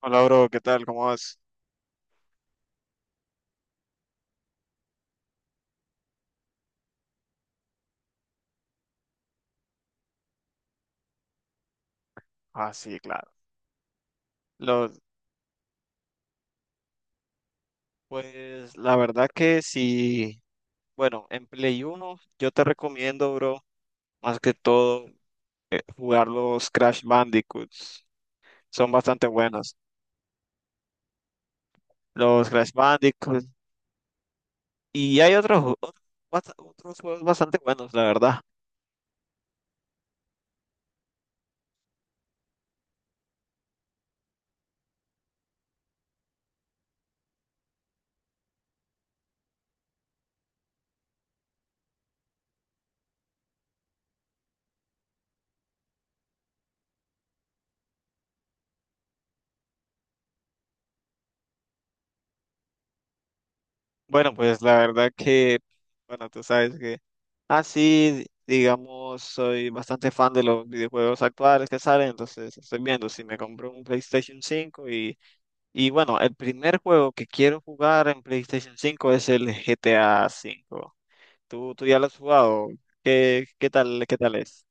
Hola, bro, ¿qué tal? ¿Cómo vas? Ah, sí, claro. Los, pues la verdad que sí, bueno, en Play 1 yo te recomiendo, bro, más que todo jugar los Crash Bandicoots. Son bastante buenos. Los Crash Bandicoots. Y hay otros, otros juegos bastante buenos, la verdad. Bueno, pues la verdad que, bueno, tú sabes que así, digamos, soy bastante fan de los videojuegos actuales que salen, entonces estoy viendo si me compro un PlayStation 5 Y bueno, el primer juego que quiero jugar en PlayStation 5 es el GTA 5. ¿Tú ya lo has jugado? ¿Qué tal es?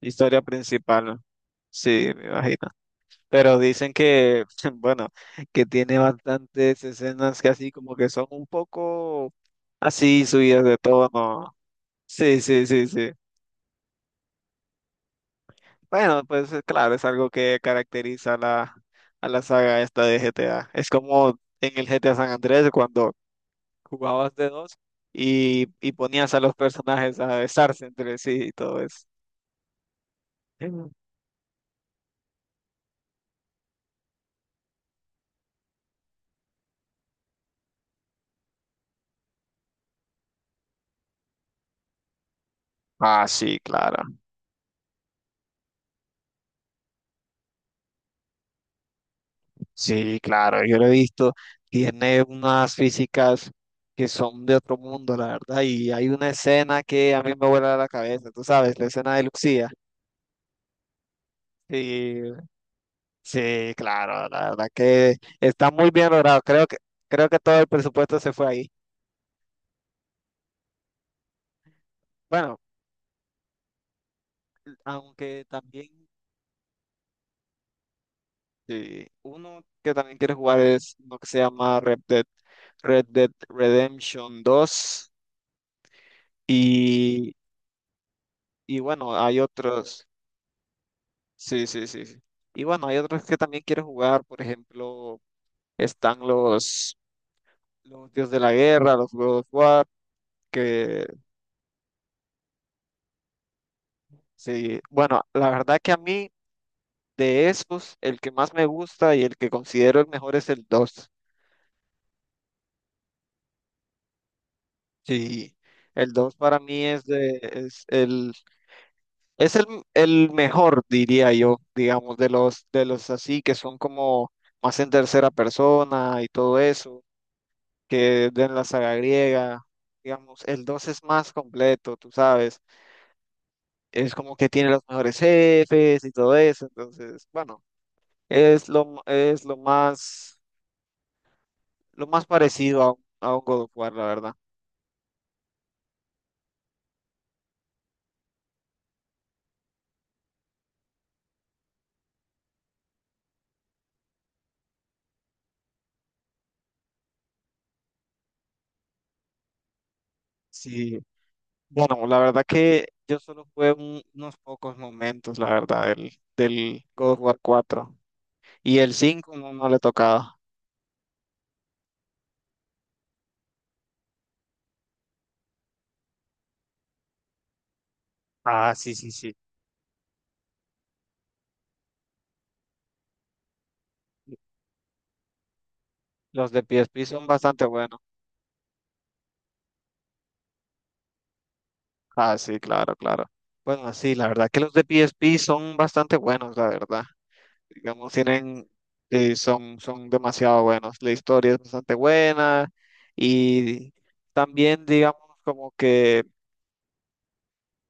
Historia principal, sí, me imagino. Pero dicen que, bueno, que tiene bastantes escenas que así como que son un poco así subidas de tono. Sí, sí, sí, sí. Bueno, pues claro, es algo que caracteriza a a la saga esta de GTA. Es como en el GTA San Andrés cuando jugabas de dos y ponías a los personajes a besarse entre sí y todo eso. Ah, sí, claro. Sí, claro, yo lo he visto. Tiene unas físicas que son de otro mundo, la verdad. Y hay una escena que a mí me vuela la cabeza, tú sabes, la escena de Lucía. Sí, sí, claro, la verdad que está muy bien logrado. Creo que todo el presupuesto se fue ahí. Bueno, aunque también. Sí, uno que también quiere jugar es uno que se llama Red Dead Redemption 2 y, y bueno, hay otros, sí, sí, sí, sí. Y bueno, hay otros que también quiero jugar, por ejemplo, están los Dios de la Guerra, los God of War, que sí, bueno, la verdad que a mí de esos, el que más me gusta y el que considero el mejor es el dos. Sí, el 2 para mí es de, es el Es el mejor, diría yo, digamos, de los así que son como más en tercera persona y todo eso, que de la saga griega, digamos, el 2 es más completo, tú sabes, es como que tiene los mejores jefes y todo eso, entonces, bueno, es lo más parecido a, a un God of War, la verdad. Sí, bueno, la verdad que yo solo jugué unos pocos momentos, la verdad, del God of War 4. Y el 5 no, no le tocaba. Ah, sí, sí, sí. Los de PSP son bastante buenos. Ah, sí, claro, claro. Bueno, sí, la verdad que los de PSP son bastante buenos, la verdad. Digamos, tienen, son demasiado buenos. La historia es bastante buena y también, digamos, como que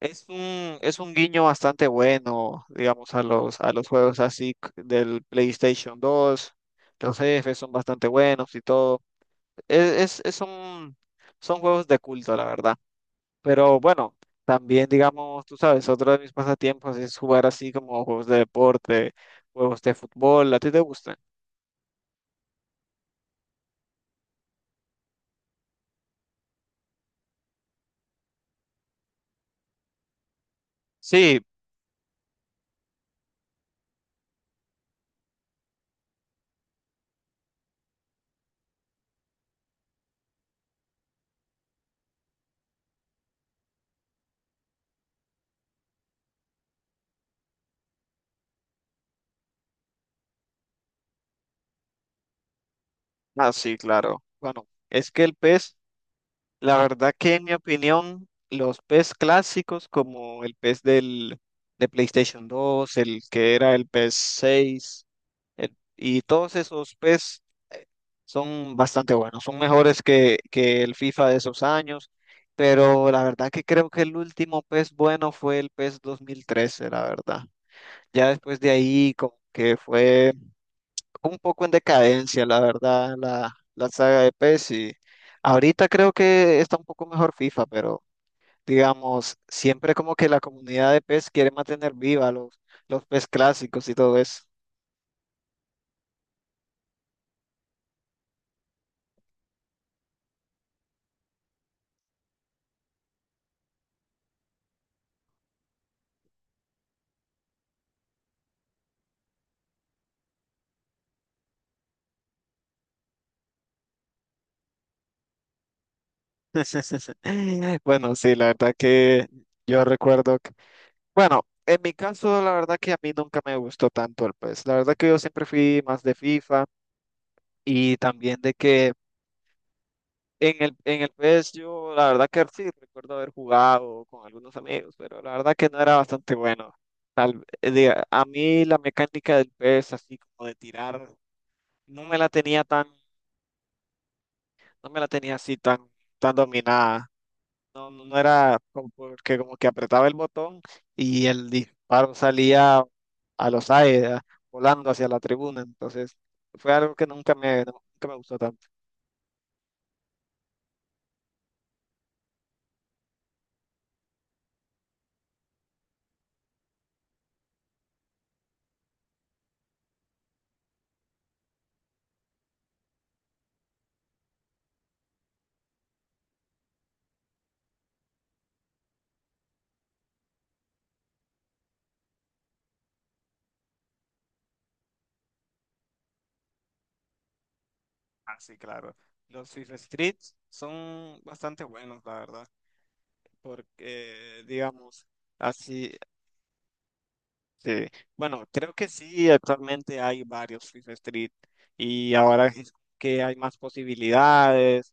es un guiño bastante bueno, digamos, a a los juegos así del PlayStation 2. Los jefes son bastante buenos y todo. Es, es, es un, son juegos de culto, la verdad. Pero bueno, también, digamos, tú sabes, otro de mis pasatiempos es jugar así como juegos de deporte, juegos de fútbol. ¿A ti te gustan? Sí, ah, sí, claro. Bueno, es que el pez, la verdad que en mi opinión, los pez clásicos como el pez de PlayStation 2, el que era el pez 6, y todos esos pez son bastante buenos, son mejores que el FIFA de esos años, pero la verdad que creo que el último PES bueno fue el PES 2013, la verdad. Ya después de ahí como que fue un poco en decadencia, la verdad, la saga de PES y ahorita creo que está un poco mejor FIFA, pero digamos, siempre como que la comunidad de PES quiere mantener viva los PES clásicos y todo eso. Bueno, sí, la verdad que yo recuerdo. Bueno, en mi caso, la verdad que a mí nunca me gustó tanto el PES. La verdad que yo siempre fui más de FIFA y también de que en el PES yo, la verdad que sí, recuerdo haber jugado con algunos amigos, pero la verdad que no era bastante bueno. Diga, a mí la mecánica del PES, así como de tirar, no me la tenía tan, no me la tenía así tan dominada. No era como porque como que apretaba el botón y el disparo salía a los aires, volando hacia la tribuna. Entonces, fue algo que nunca me gustó tanto. Ah, sí, claro. Los FIFA Streets son bastante buenos, la verdad, porque, digamos, así, sí. Bueno, creo que sí, actualmente hay varios FIFA Street y ahora es que hay más posibilidades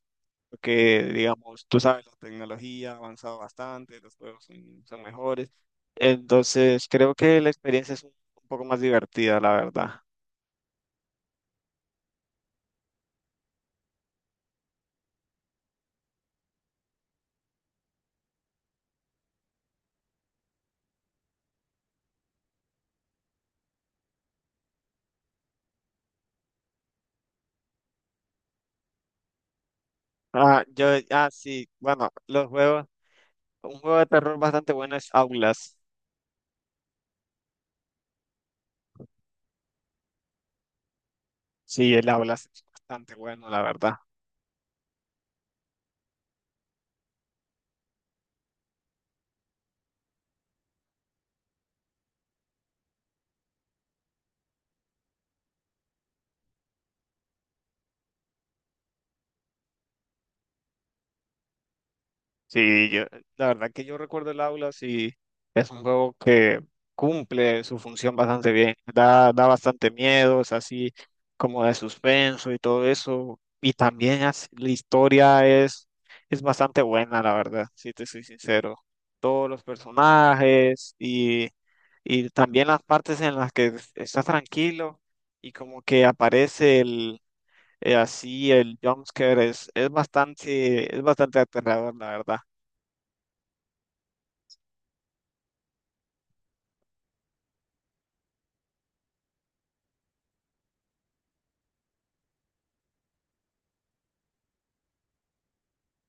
porque digamos, tú sabes, la tecnología ha avanzado bastante, los juegos son mejores. Entonces, creo que la experiencia un poco más divertida, la verdad. Ah, sí, bueno, un juego de terror bastante bueno es Aulas. Sí, el Aulas es bastante bueno, la verdad. Sí, yo, la verdad que yo recuerdo el aula, sí, es un juego que cumple su función bastante bien, da bastante miedo, es así como de suspenso y todo eso, y también la historia es bastante buena, la verdad, si te soy sincero. Todos los personajes y también las partes en las que estás tranquilo y como que aparece así el jumpscare, es bastante aterrador, la verdad.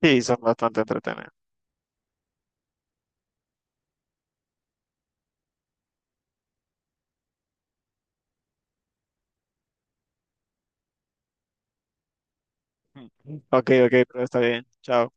Sí, son bastante entretenidas. Ok, ok, pero está bien. Chao.